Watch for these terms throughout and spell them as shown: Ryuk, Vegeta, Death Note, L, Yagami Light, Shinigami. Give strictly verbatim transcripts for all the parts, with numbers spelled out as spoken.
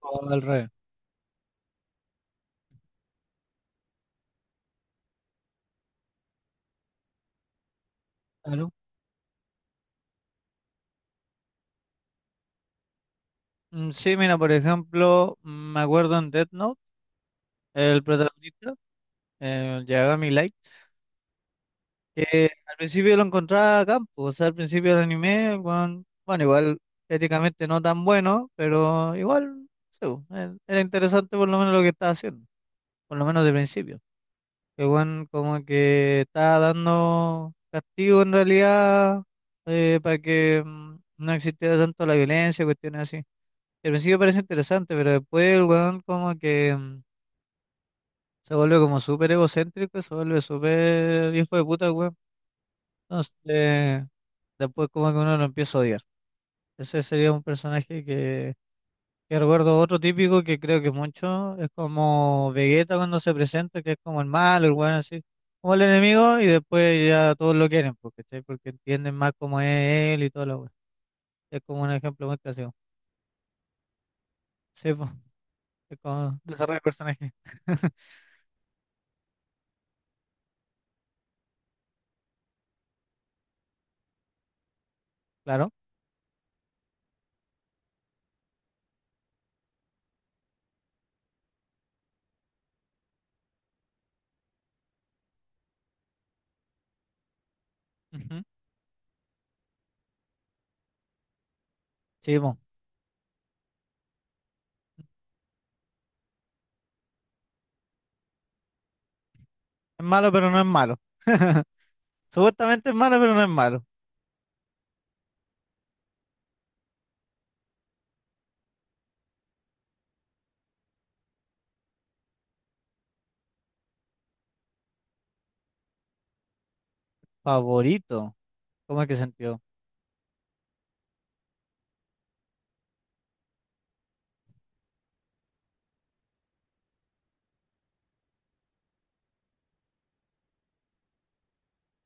Todo al revés. Claro. Mm, Sí, mira, por ejemplo, mm, me acuerdo en Death Note, el protagonista, eh, el Yagami Light, que al principio lo encontraba a campo, o sea, al principio del anime, el weón, bueno, igual éticamente no tan bueno, pero igual, sí, bo, era era interesante por lo menos lo que estaba haciendo, por lo menos de principio. Que bueno, como que estaba dando castigo en realidad, eh, para que mm, no existiera tanto la violencia, cuestiones así. Al principio parece interesante, pero después el weón como que mm, se vuelve como súper egocéntrico, se vuelve súper hijo de puta, weón. Entonces, después como que uno lo empieza a odiar. Ese sería un personaje que, que recuerdo, otro típico que creo que mucho es como Vegeta cuando se presenta, que es como el malo, el weón así, como el enemigo, y después ya todos lo quieren, porque, porque entienden más cómo es él y todo lo weón. Es como un ejemplo muy clásico. Sí, po, es como desarrollo de personaje. Claro. Ujú. Sí, po. Es malo, pero no es malo. Supuestamente es malo, pero no es malo. Favorito. ¿Cómo es que sentido?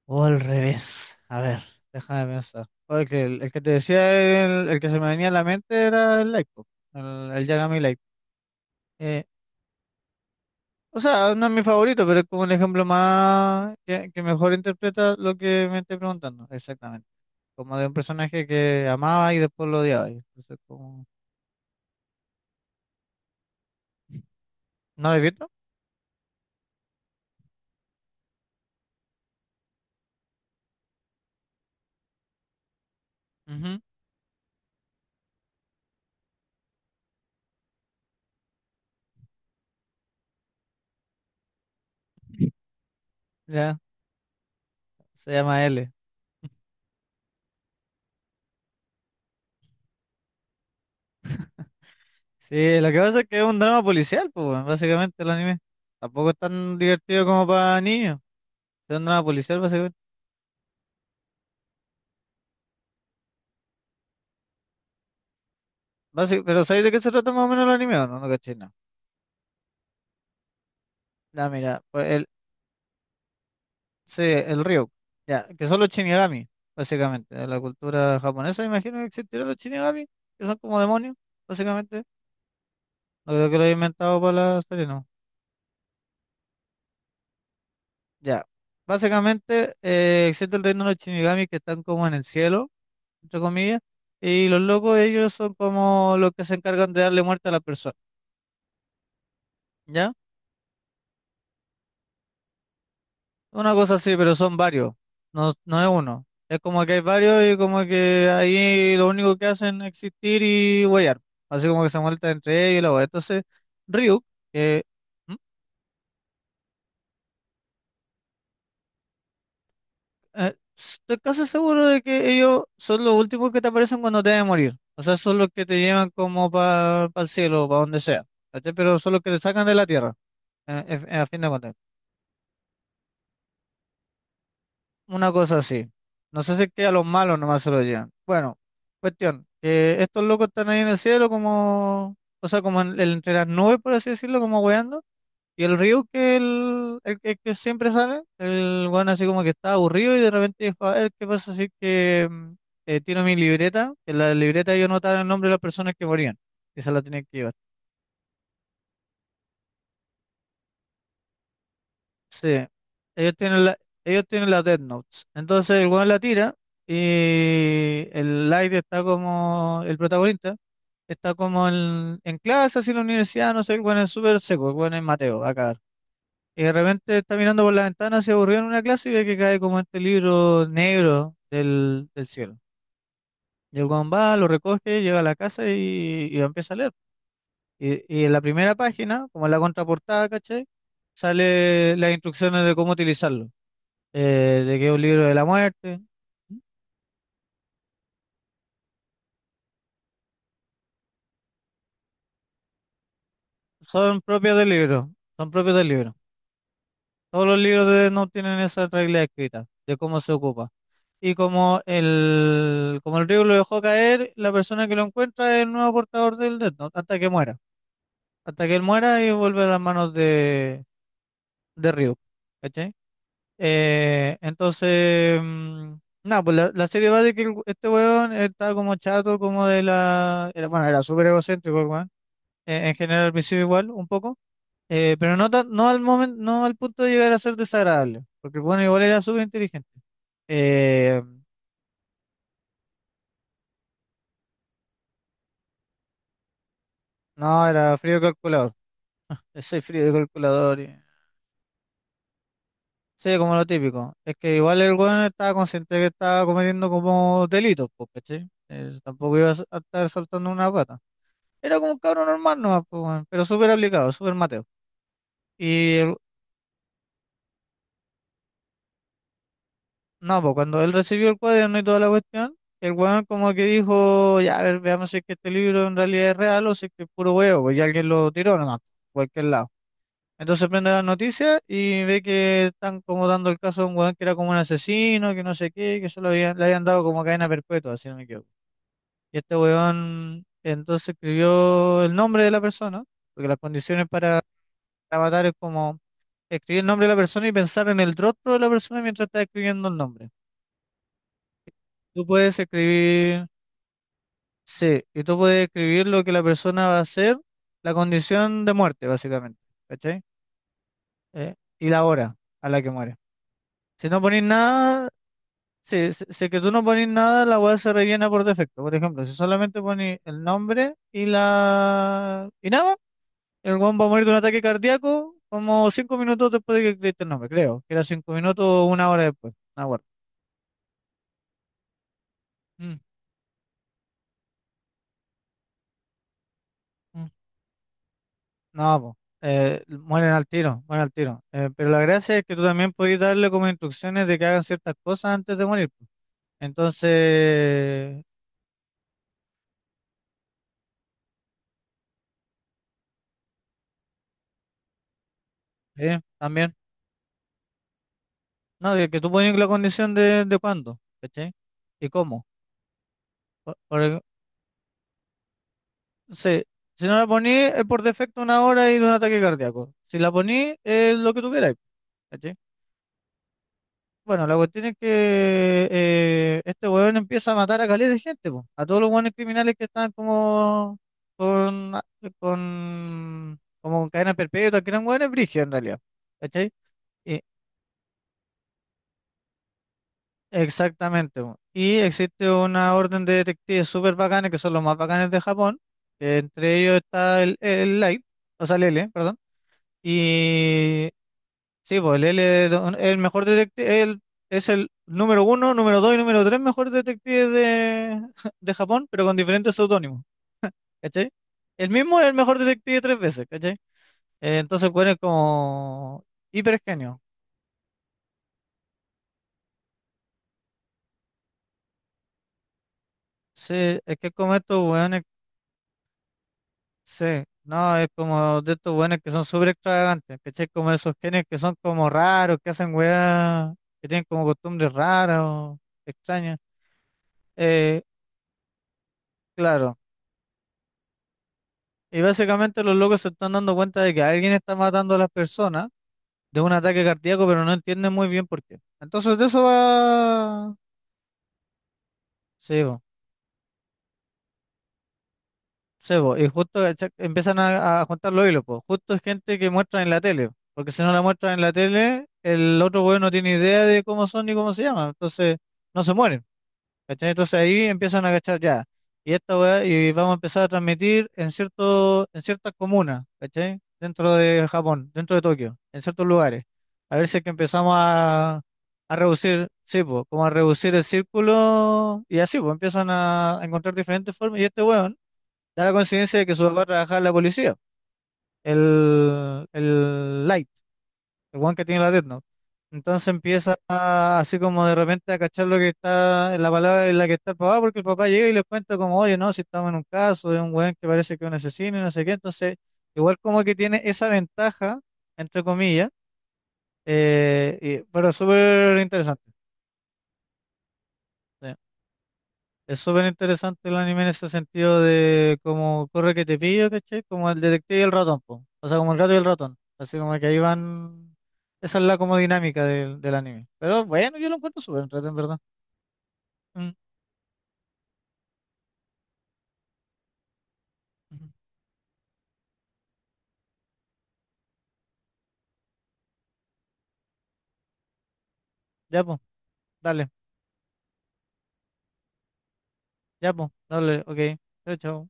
O al revés. A ver, déjame pensar. Oye, que el, el que te decía, el, el que se me venía a la mente era el Light, po. el, el Yagami Light. Eh, o sea, no es mi favorito, pero es como un ejemplo más que, que mejor interpreta lo que me estoy preguntando. Exactamente. Como de un personaje que amaba y después lo odiaba. Y entonces, como... ¿No lo he visto? Ujú. Ya, se llama ele. Sí, lo que pasa es que es un drama policial, pues, weón, básicamente el anime. Tampoco es tan divertido como para niños. Es un drama policial, básicamente. Bási- pero ¿sabéis de qué se trata más o menos el anime o no? No caché, nada. Ya, mira, pues el, sí, el Ryuk. Ya, que son los Shinigami, básicamente. De la cultura japonesa, imagino que existirán los Shinigami, que son como demonios, básicamente. No creo que lo haya inventado para la serie, no. Ya. Básicamente, eh, existe el reino de los Shinigami que están como en el cielo, entre comillas, y los locos ellos son como los que se encargan de darle muerte a la persona, ¿ya? Una cosa así, pero son varios, no, no es uno. Es como que hay varios y como que ahí lo único que hacen es existir y huear, así como que se muerta entre ellos y la wea. Entonces, Ryuk, que ¿Mm? Eh, estoy casi seguro de que ellos son los últimos que te aparecen cuando te deben morir. O sea, son los que te llevan como para el cielo, para donde sea. ¿Cachai? Pero son los que te sacan de la tierra, eh, eh, a fin de cuentas. Una cosa así. No sé si es que a los malos nomás se lo llevan. Bueno, cuestión, que estos locos están ahí en el cielo como, o sea, como en- entre las nubes, por así decirlo, como hueando. Y el río que el, el que, que siempre sale, el weón así como que está aburrido y de repente dijo, a ver, ¿qué pasa si que mm, eh, tiro mi libreta? Que en la libreta yo anotaba el nombre de las personas que morían. Esa la tenía que llevar. Sí, ellos tienen la, ellos tienen las Death Notes. Entonces el weón la tira y el Light está como el protagonista, está como en, en clase, así en la universidad, no sé, el weón es súper seco, el weón es Mateo, a cagar. Y de repente está mirando por la ventana, se aburrió en una clase y ve que cae como este libro negro del, del cielo. Y el weón va, lo recoge, llega a la casa y, y lo empieza a leer. Y, y en la primera página, como en la contraportada, ¿cachai? Sale las instrucciones de cómo utilizarlo. Eh, de que es un libro de la muerte. Son propios del libro, son propios del libro. Todos los libros de no tienen esa regla escrita de cómo se ocupa. Y como el, como el río lo dejó caer, la persona que lo encuentra es el nuevo portador del Death Note, hasta que muera. Hasta que él muera y vuelve a las manos de, de Ryu. ¿Cachai? Eh, entonces, mm, nada, pues la, la serie va de que el- este weón está como chato, como de la... era- bueno, era súper egocéntrico el weón. Eh, en general, al principio igual, un poco. Eh, pero no, tan- no al momento, no al punto de llegar a ser desagradable, porque bueno, igual era súper inteligente. Eh, no, era frío de calculador. Soy frío de calculador. y- Sí, como lo típico. Es que igual el weón estaba consciente que estaba cometiendo como delitos, pues, ¿cachai? Eh, tampoco iba a s- a estar saltando una pata. Era como un cabrón normal nomás, pues, weón, pero súper aplicado, súper mateo. Y el No, pues cuando él recibió el cuaderno y toda la cuestión, el weón como que dijo, ya, a ver, veamos si es que este libro en realidad es real o si es que es puro huevo, pues ya alguien lo tiró, no, no, cualquier lado. Entonces prende las noticias y ve que están como dando el caso de un weón que era como un asesino, que no sé qué, que se lo habían, le habían dado como cadena perpetua, si no me equivoco. Y este weón entonces escribió el nombre de la persona, porque las condiciones para matar es como escribir el nombre de la persona y pensar en el rostro de la persona mientras está escribiendo el nombre. Tú puedes escribir Sí, y tú puedes escribir lo que la persona va a hacer, la condición de muerte, básicamente, ¿cachai? Eh, y la hora a la que muere. Si no pones nada, sí, si, si es que tú no pones nada, la web se rellena por defecto. Por ejemplo, si solamente pones el nombre y la... y nada, el weón va a morir de un ataque cardíaco como cinco minutos después de que escribiste el nombre, creo. Que era cinco minutos o una hora después. Una hora. No, po, eh, mueren al tiro, mueren al tiro. Eh, pero la gracia es que tú también podías darle como instrucciones de que hagan ciertas cosas antes de morir, po. Entonces, eh, también. No, de que tú pones la condición de, de cuándo, ¿cachai? ¿Y cómo? Por, por ej- sí, si no la ponís, es por defecto una hora y de un ataque cardíaco. Si la ponís, es lo que tú quieras. Bueno, la cuestión es que eh, este weón empieza a matar a caleta de gente, po, a todos los weones criminales que están como con, con, como con cadena perpetua, que eran weones brígidos en realidad, ¿cachai? Y- Exactamente, po. Y existe una orden de detectives súper bacanes, que son los más bacanes de Japón, que entre ellos está el, el Light, o sea, el ele, perdón, y Sí, pues él es don- el mejor detective, él es el número uno, número dos y número tres mejor detective de, de Japón, pero con diferentes seudónimos, ¿cachai? El mismo es el mejor detective tres veces, ¿cachai? Eh, entonces, bueno, es como hiper genio. Sí, es que es como estos weones, sí, no, es como de estos weones que son súper extravagantes, ¿cachai? Como esos genios que son como raros, que hacen weas, que tienen como costumbres raras o extrañas. Eh, claro. Y básicamente los locos se están dando cuenta de que alguien está matando a las personas de un ataque cardíaco, pero no entienden muy bien por qué. Entonces de eso va... Sí, po, sí, po, y justo cacha- empiezan a, a juntar los hilos, pues. Justo es gente que muestra en la tele, porque si no la muestran en la tele, el otro güey no tiene idea de cómo son ni cómo se llaman, entonces no se mueren. ¿Cachai? Entonces ahí empiezan a cachar ya. Y esta weá, y vamos a empezar a transmitir en cierto, en ciertas comunas, ¿cachai? Dentro de Japón, dentro de Tokio, en ciertos lugares. A ver si es que empezamos a, a reducir, sí, po, como a reducir el círculo, y así, pues empiezan a, a encontrar diferentes formas. Y este weón da la coincidencia de que su papá trabajaba en la policía, el, el Light, el weón que tiene la dead, entonces empieza a- así como de repente a cachar lo que está, la palabra en la que está el papá, porque el papá llega y les cuenta como, oye, no, si estamos en un caso de un weón que parece que es un asesino y no sé qué, entonces igual como que tiene esa ventaja, entre comillas, eh, y- pero es súper interesante. Sí. Es súper interesante el anime en ese sentido de como corre que te pillo, ¿cachai? Como el detective y el ratón, po. O sea, como el gato y el ratón. Así como que ahí van, esa es la como dinámica del, del anime. Pero bueno, yo lo encuentro súper entretenido, en verdad. Ujú. Ya, pues, dale, ya, pues, dale, ok. Chao, chao.